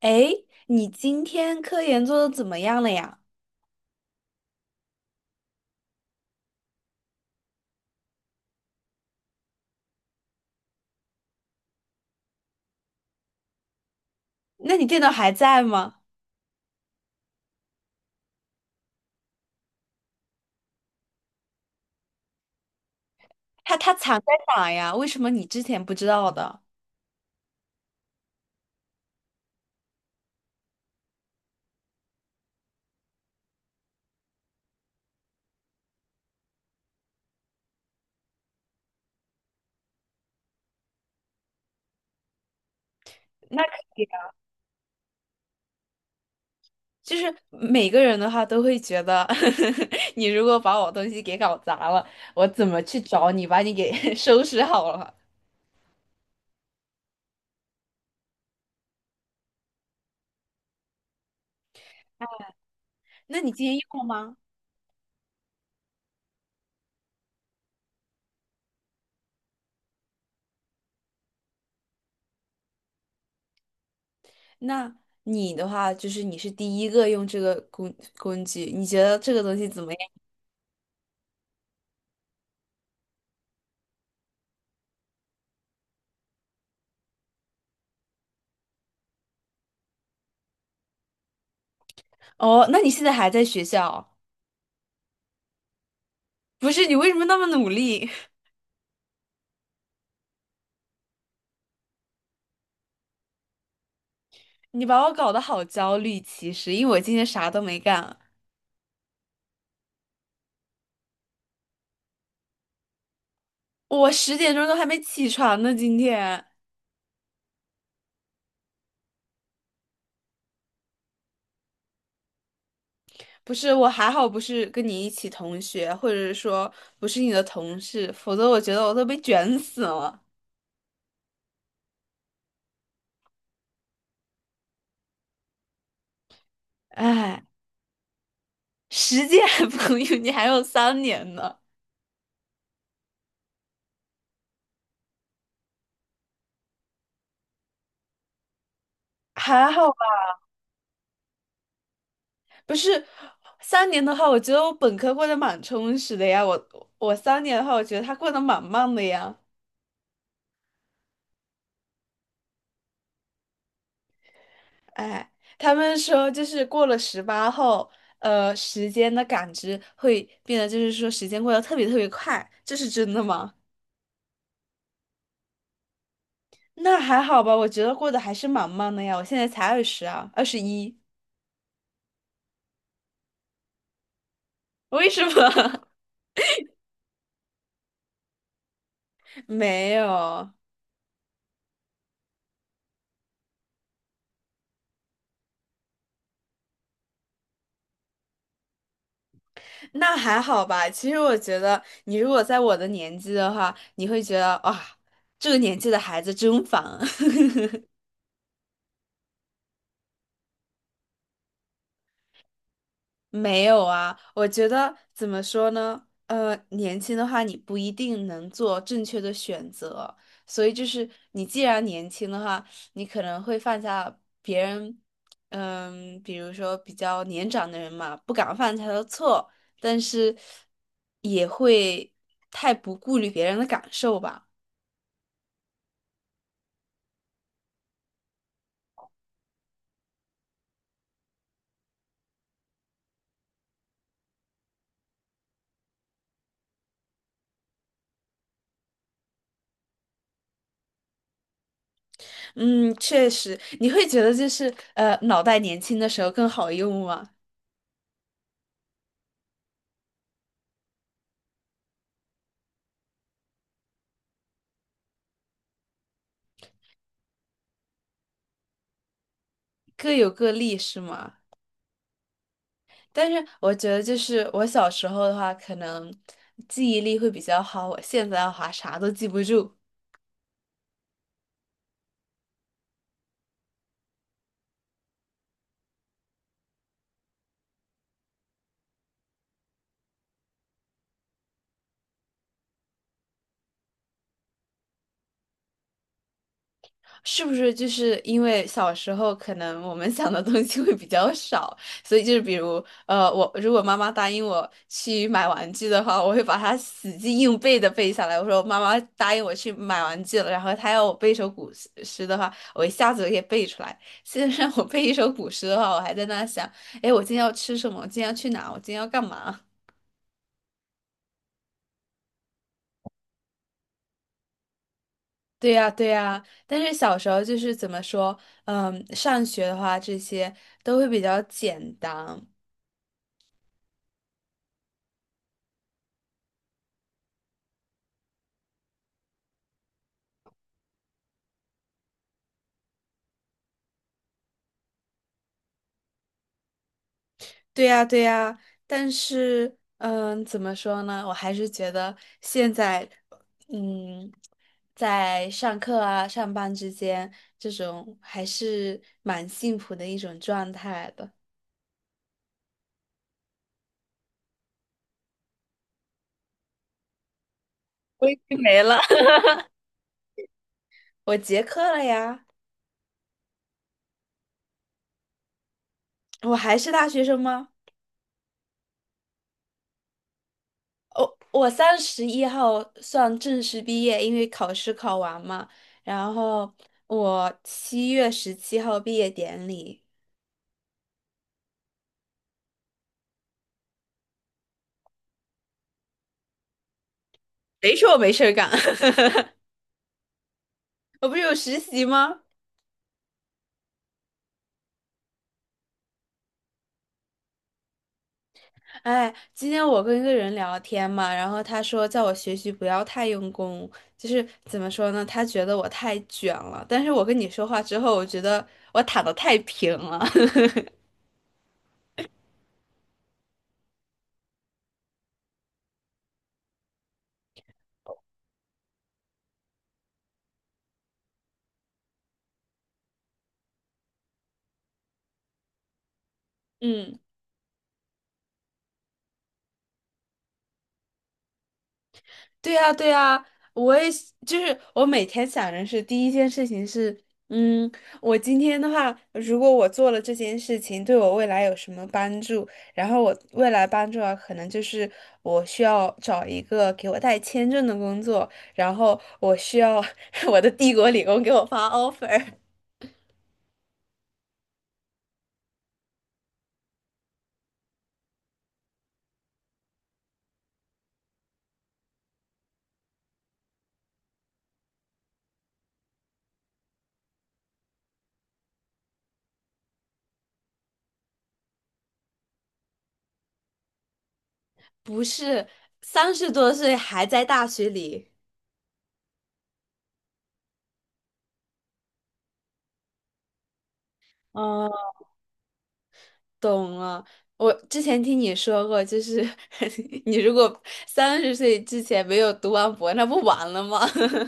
诶，你今天科研做的怎么样了呀？那你电脑还在吗？它藏在哪呀？为什么你之前不知道的？那可以啊，就是每个人的话都会觉得，你如果把我东西给搞砸了，我怎么去找你把你给 收拾好了？那你今天用了吗？那你的话就是你是第一个用这个工具，你觉得这个东西怎么样？哦，那你现在还在学校啊？不是，你为什么那么努力？你把我搞得好焦虑，其实因为我今天啥都没干，我10点钟都还没起床呢。今天不是我还好，不是跟你一起同学，或者说不是你的同事，否则我觉得我都被卷死了。哎，10届还不够用，你还有三年呢，还好吧？不是三年的话，我觉得我本科过得蛮充实的呀。我三年的话，我觉得他过得蛮慢的呀。哎，他们说就是过了18后，时间的感知会变得，就是说时间过得特别特别快，这是真的吗？那还好吧，我觉得过得还是蛮慢的呀，我现在才二十啊，21，为什么？没有，那还好吧。其实我觉得，你如果在我的年纪的话，你会觉得哇，这个年纪的孩子真烦。没有啊，我觉得怎么说呢？年轻的话，你不一定能做正确的选择，所以就是你既然年轻的话，你可能会犯下别人，嗯，比如说比较年长的人嘛，不敢犯下的错，但是也会太不顾虑别人的感受吧。嗯，确实，你会觉得就是脑袋年轻的时候更好用吗？各有各利是吗？但是我觉得，就是我小时候的话，可能记忆力会比较好。我现在的话，啥都记不住，是不是？就是因为小时候可能我们想的东西会比较少，所以就是比如，我如果妈妈答应我去买玩具的话，我会把它死记硬背的背下来。我说妈妈答应我去买玩具了，然后她要我背一首古诗诗的话，我一下子就可以背出来。现在让我背一首古诗的话，我还在那想，哎，我今天要吃什么？我今天要去哪？我今天要干嘛？对呀，对呀，但是小时候就是怎么说，嗯，上学的话这些都会比较简单。对呀，对呀，但是，嗯，怎么说呢？我还是觉得现在，嗯，在上课啊、上班之间，这种还是蛮幸福的一种状态的。我已经没了。我结课了呀，我还是大学生吗？我我31号算正式毕业，因为考试考完嘛。然后我7月17号毕业典礼。谁说我没事儿干？我不是有实习吗？哎，今天我跟一个人聊天嘛，然后他说叫我学习不要太用功，就是怎么说呢？他觉得我太卷了，但是我跟你说话之后，我觉得我躺的太平了。嗯。对呀，对呀，我也是就是我每天想的是第一件事情是，嗯，我今天的话，如果我做了这件事情，对我未来有什么帮助？然后我未来帮助啊，可能就是我需要找一个给我带签证的工作，然后我需要 我的帝国理工给我发 offer，不是30多岁还在大学里。懂了，我之前听你说过，就是 你如果30岁之前没有读完博，那不完了吗？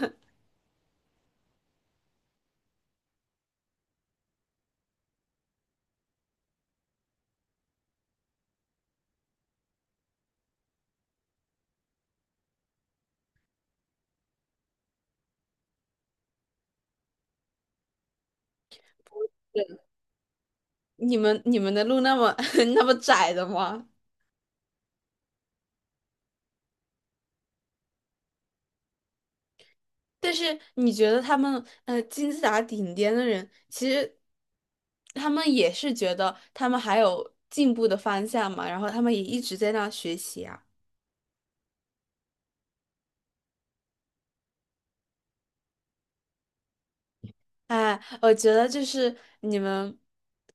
你们的路那么 那么窄的吗？但是你觉得他们金字塔顶尖的人，其实他们也是觉得他们还有进步的方向嘛，然后他们也一直在那学习啊。哎，我觉得就是你们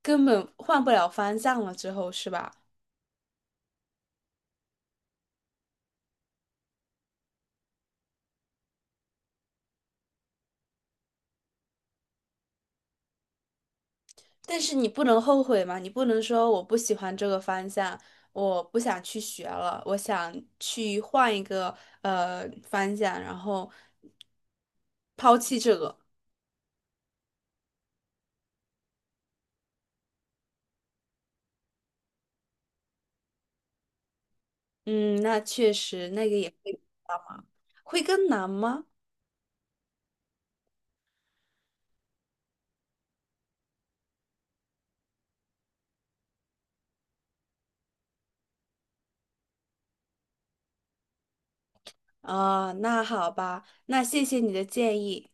根本换不了方向了之后，是吧？但是你不能后悔嘛，你不能说我不喜欢这个方向，我不想去学了，我想去换一个方向，然后抛弃这个。嗯，那确实那个也会会更难吗？啊、那好吧，那谢谢你的建议。